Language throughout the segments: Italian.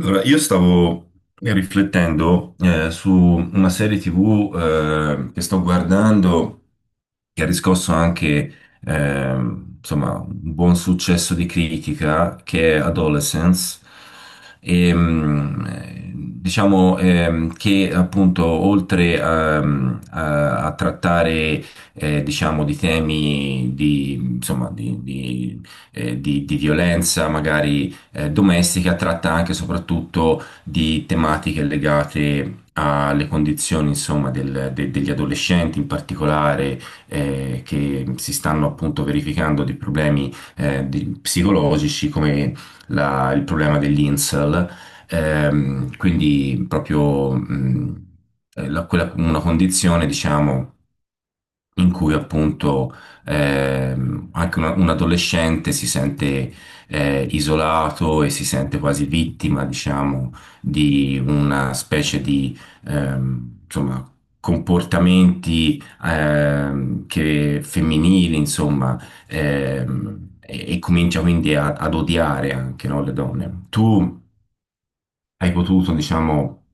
Allora, io stavo riflettendo su una serie TV che sto guardando, che ha riscosso anche insomma, un buon successo di critica, che è Adolescence. Diciamo che appunto oltre a trattare, diciamo, di temi di, insomma, di violenza magari domestica, tratta anche e soprattutto di tematiche legate alle condizioni, insomma, degli adolescenti in particolare. Eh, che si stanno appunto verificando dei problemi psicologici, come il problema dell'insel, quindi proprio una condizione, diciamo, in cui appunto anche un adolescente si sente isolato e si sente quasi vittima, diciamo, di una specie di ehm, insomma, comportamenti che, femminili, insomma, e comincia quindi ad odiare anche, no, le donne. Tu hai potuto, diciamo,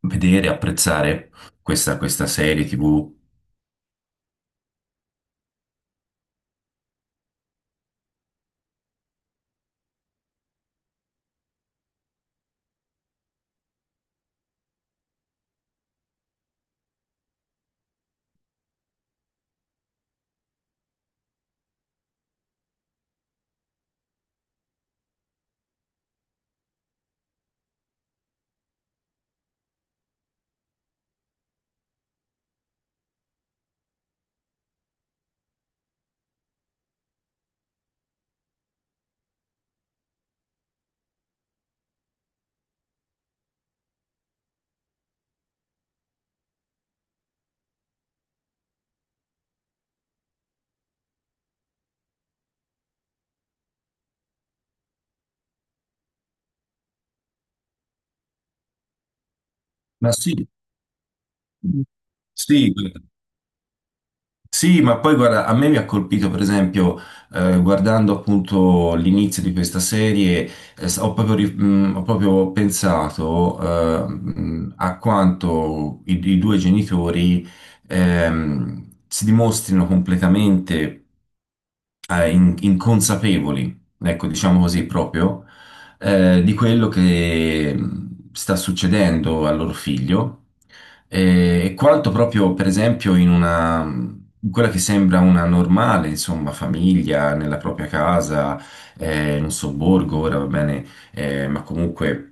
vedere, apprezzare questa serie TV? Ma sì. Sì. Sì, ma poi guarda, a me mi ha colpito, per esempio, guardando appunto l'inizio di questa serie, ho proprio, ho proprio pensato, a quanto i due genitori si dimostrino completamente inconsapevoli, ecco, diciamo così, proprio, di quello che sta succedendo al loro figlio, e quanto proprio, per esempio, in quella che sembra una normale, insomma, famiglia, nella propria casa, in un sobborgo, ora va bene, ma comunque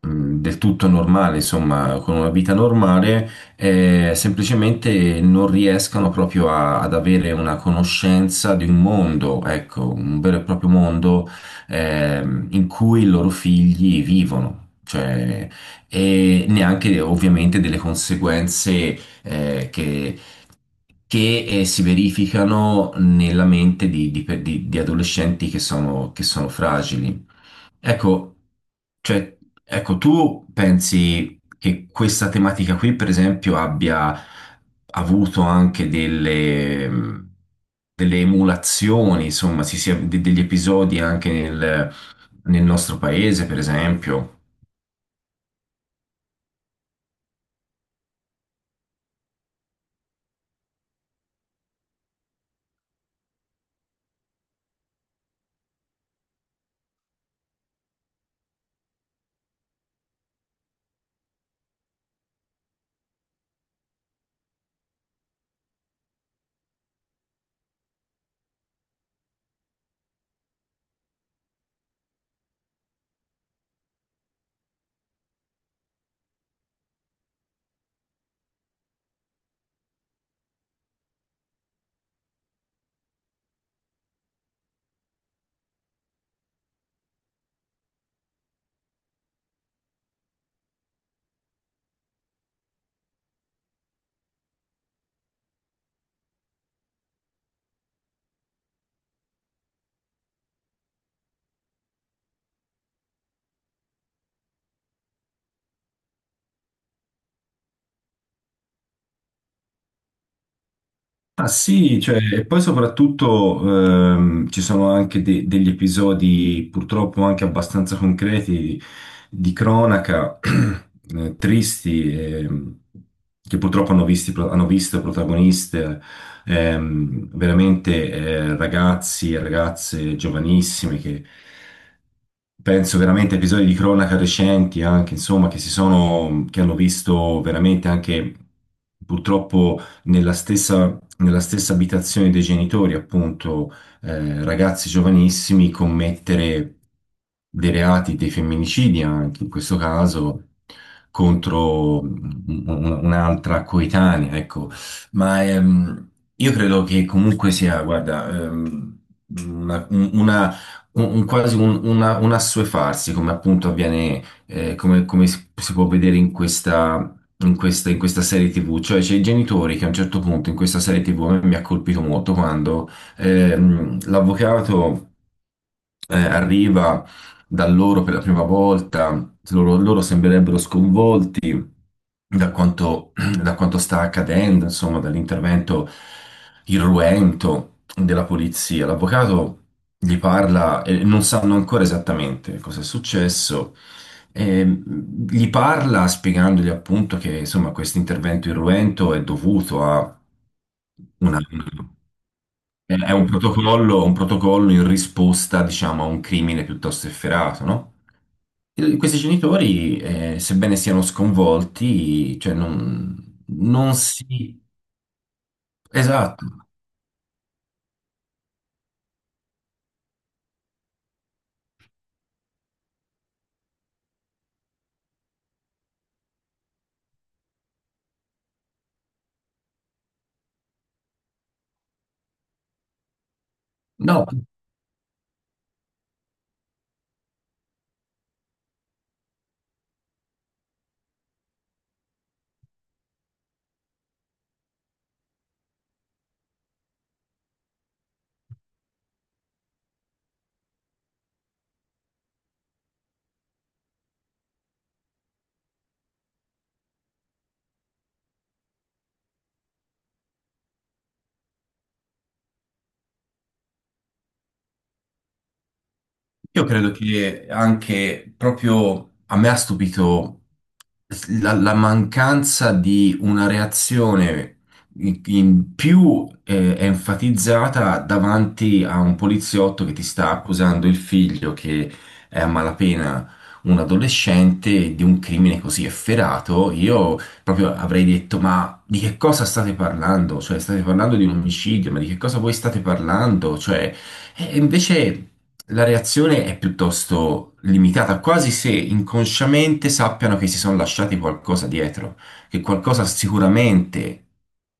del tutto normale, insomma, con una vita normale, semplicemente non riescano proprio ad avere una conoscenza di un mondo, ecco, un vero e proprio mondo in cui i loro figli vivono. Cioè, e neanche ovviamente delle conseguenze che, che si verificano nella mente di adolescenti che sono fragili. Ecco, cioè, ecco, tu pensi che questa tematica qui, per esempio, abbia avuto anche delle, delle emulazioni, insomma, si sia, degli episodi anche nel nostro paese, per esempio? Ah sì, cioè, e poi soprattutto ci sono anche degli episodi purtroppo anche abbastanza concreti di cronaca, tristi, che purtroppo hanno, hanno visto protagoniste veramente, ragazzi e ragazze giovanissime, che penso veramente a episodi di cronaca recenti anche, insomma, che si sono, che hanno visto veramente anche purtroppo nella stessa abitazione dei genitori, appunto, ragazzi giovanissimi commettere dei reati, dei femminicidi, anche in questo caso, contro un'altra coetanea, ecco. Ma io credo che comunque sia, guarda, una, un- una- quasi un assuefarsi, come appunto avviene, come, come si può vedere in in questa serie TV. Cioè, c'è i genitori che a un certo punto in questa serie TV a me mi ha colpito molto quando l'avvocato arriva da loro per la prima volta, loro sembrerebbero sconvolti, da quanto, da quanto sta accadendo, insomma, dall'intervento irruento della polizia. L'avvocato gli parla e non sanno ancora esattamente cosa è successo, e gli parla spiegandogli appunto che, insomma, questo intervento irruento è dovuto a una, è un protocollo in risposta, diciamo, a un crimine piuttosto efferato, no? Questi genitori, sebbene siano sconvolti, cioè non si... Esatto. No, io credo che anche proprio a me ha stupito la mancanza di una reazione in più enfatizzata davanti a un poliziotto che ti sta accusando il figlio, che è a malapena un adolescente, di un crimine così efferato. Io proprio avrei detto: Ma di che cosa state parlando? Cioè, state parlando di un omicidio, ma di che cosa voi state parlando? Cioè, e invece. La reazione è piuttosto limitata, quasi se inconsciamente sappiano che si sono lasciati qualcosa dietro, che qualcosa sicuramente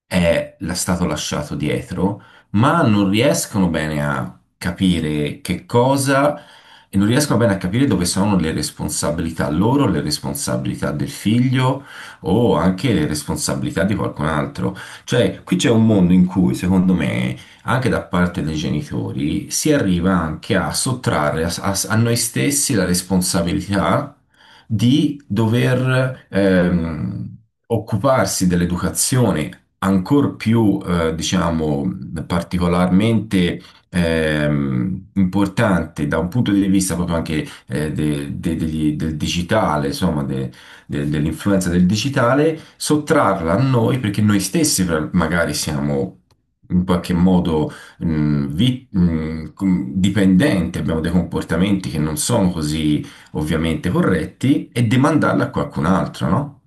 stato lasciato dietro, ma non riescono bene a capire che cosa, e non riescono bene a capire dove sono le responsabilità loro, le responsabilità del figlio o anche le responsabilità di qualcun altro. Cioè, qui c'è un mondo in cui, secondo me, anche da parte dei genitori, si arriva anche a sottrarre a noi stessi la responsabilità di dover occuparsi dell'educazione, ancor più, diciamo, particolarmente importante da un punto di vista proprio anche del digitale, insomma, dell'influenza del digitale, sottrarla a noi perché noi stessi magari siamo in qualche modo dipendenti, abbiamo dei comportamenti che non sono così ovviamente corretti, e demandarla a qualcun altro, no?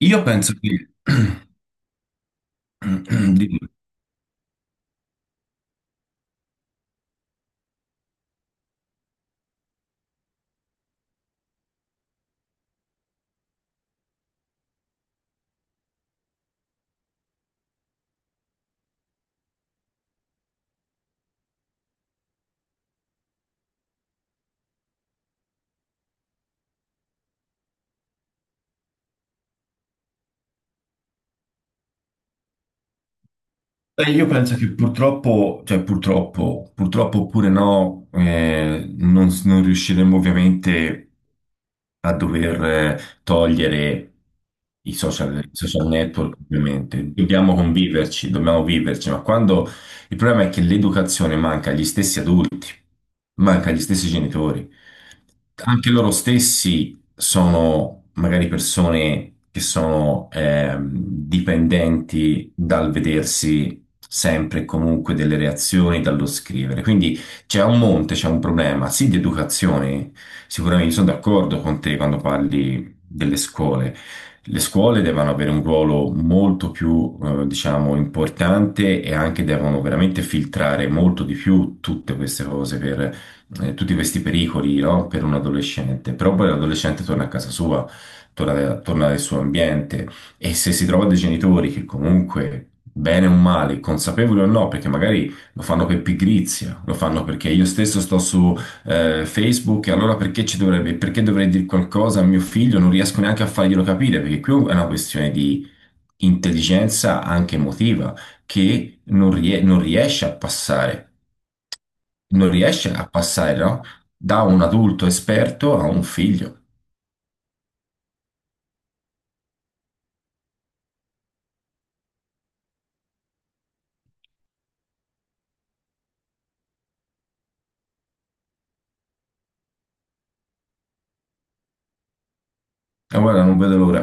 Io penso che... Dimmi. Beh, io penso che purtroppo, cioè purtroppo, purtroppo oppure no, non riusciremo ovviamente a dover togliere i social network, ovviamente. Dobbiamo conviverci, dobbiamo viverci, ma quando il problema è che l'educazione manca agli stessi adulti, manca agli stessi genitori, anche loro stessi sono magari persone che sono dipendenti dal vedersi sempre e comunque delle reazioni, dallo scrivere. Quindi c'è un monte, c'è un problema, sì, di educazione. Sicuramente sono d'accordo con te quando parli delle scuole. Le scuole devono avere un ruolo molto più, diciamo, importante, e anche devono veramente filtrare molto di più tutte queste cose per tutti questi pericoli, no? Per un adolescente, però poi l'adolescente torna a casa sua, torna nel suo ambiente, e se si trova dei genitori che comunque, bene o male, consapevoli o no, perché magari lo fanno per pigrizia, lo fanno perché io stesso sto su Facebook, e allora perché ci dovrebbe, perché dovrei dire qualcosa a mio figlio? Non riesco neanche a farglielo capire, perché qui è una questione di intelligenza anche emotiva, che non riesce a passare, non riesce a passare, no? Da un adulto esperto a un figlio. E guarda, non vedo l'ora.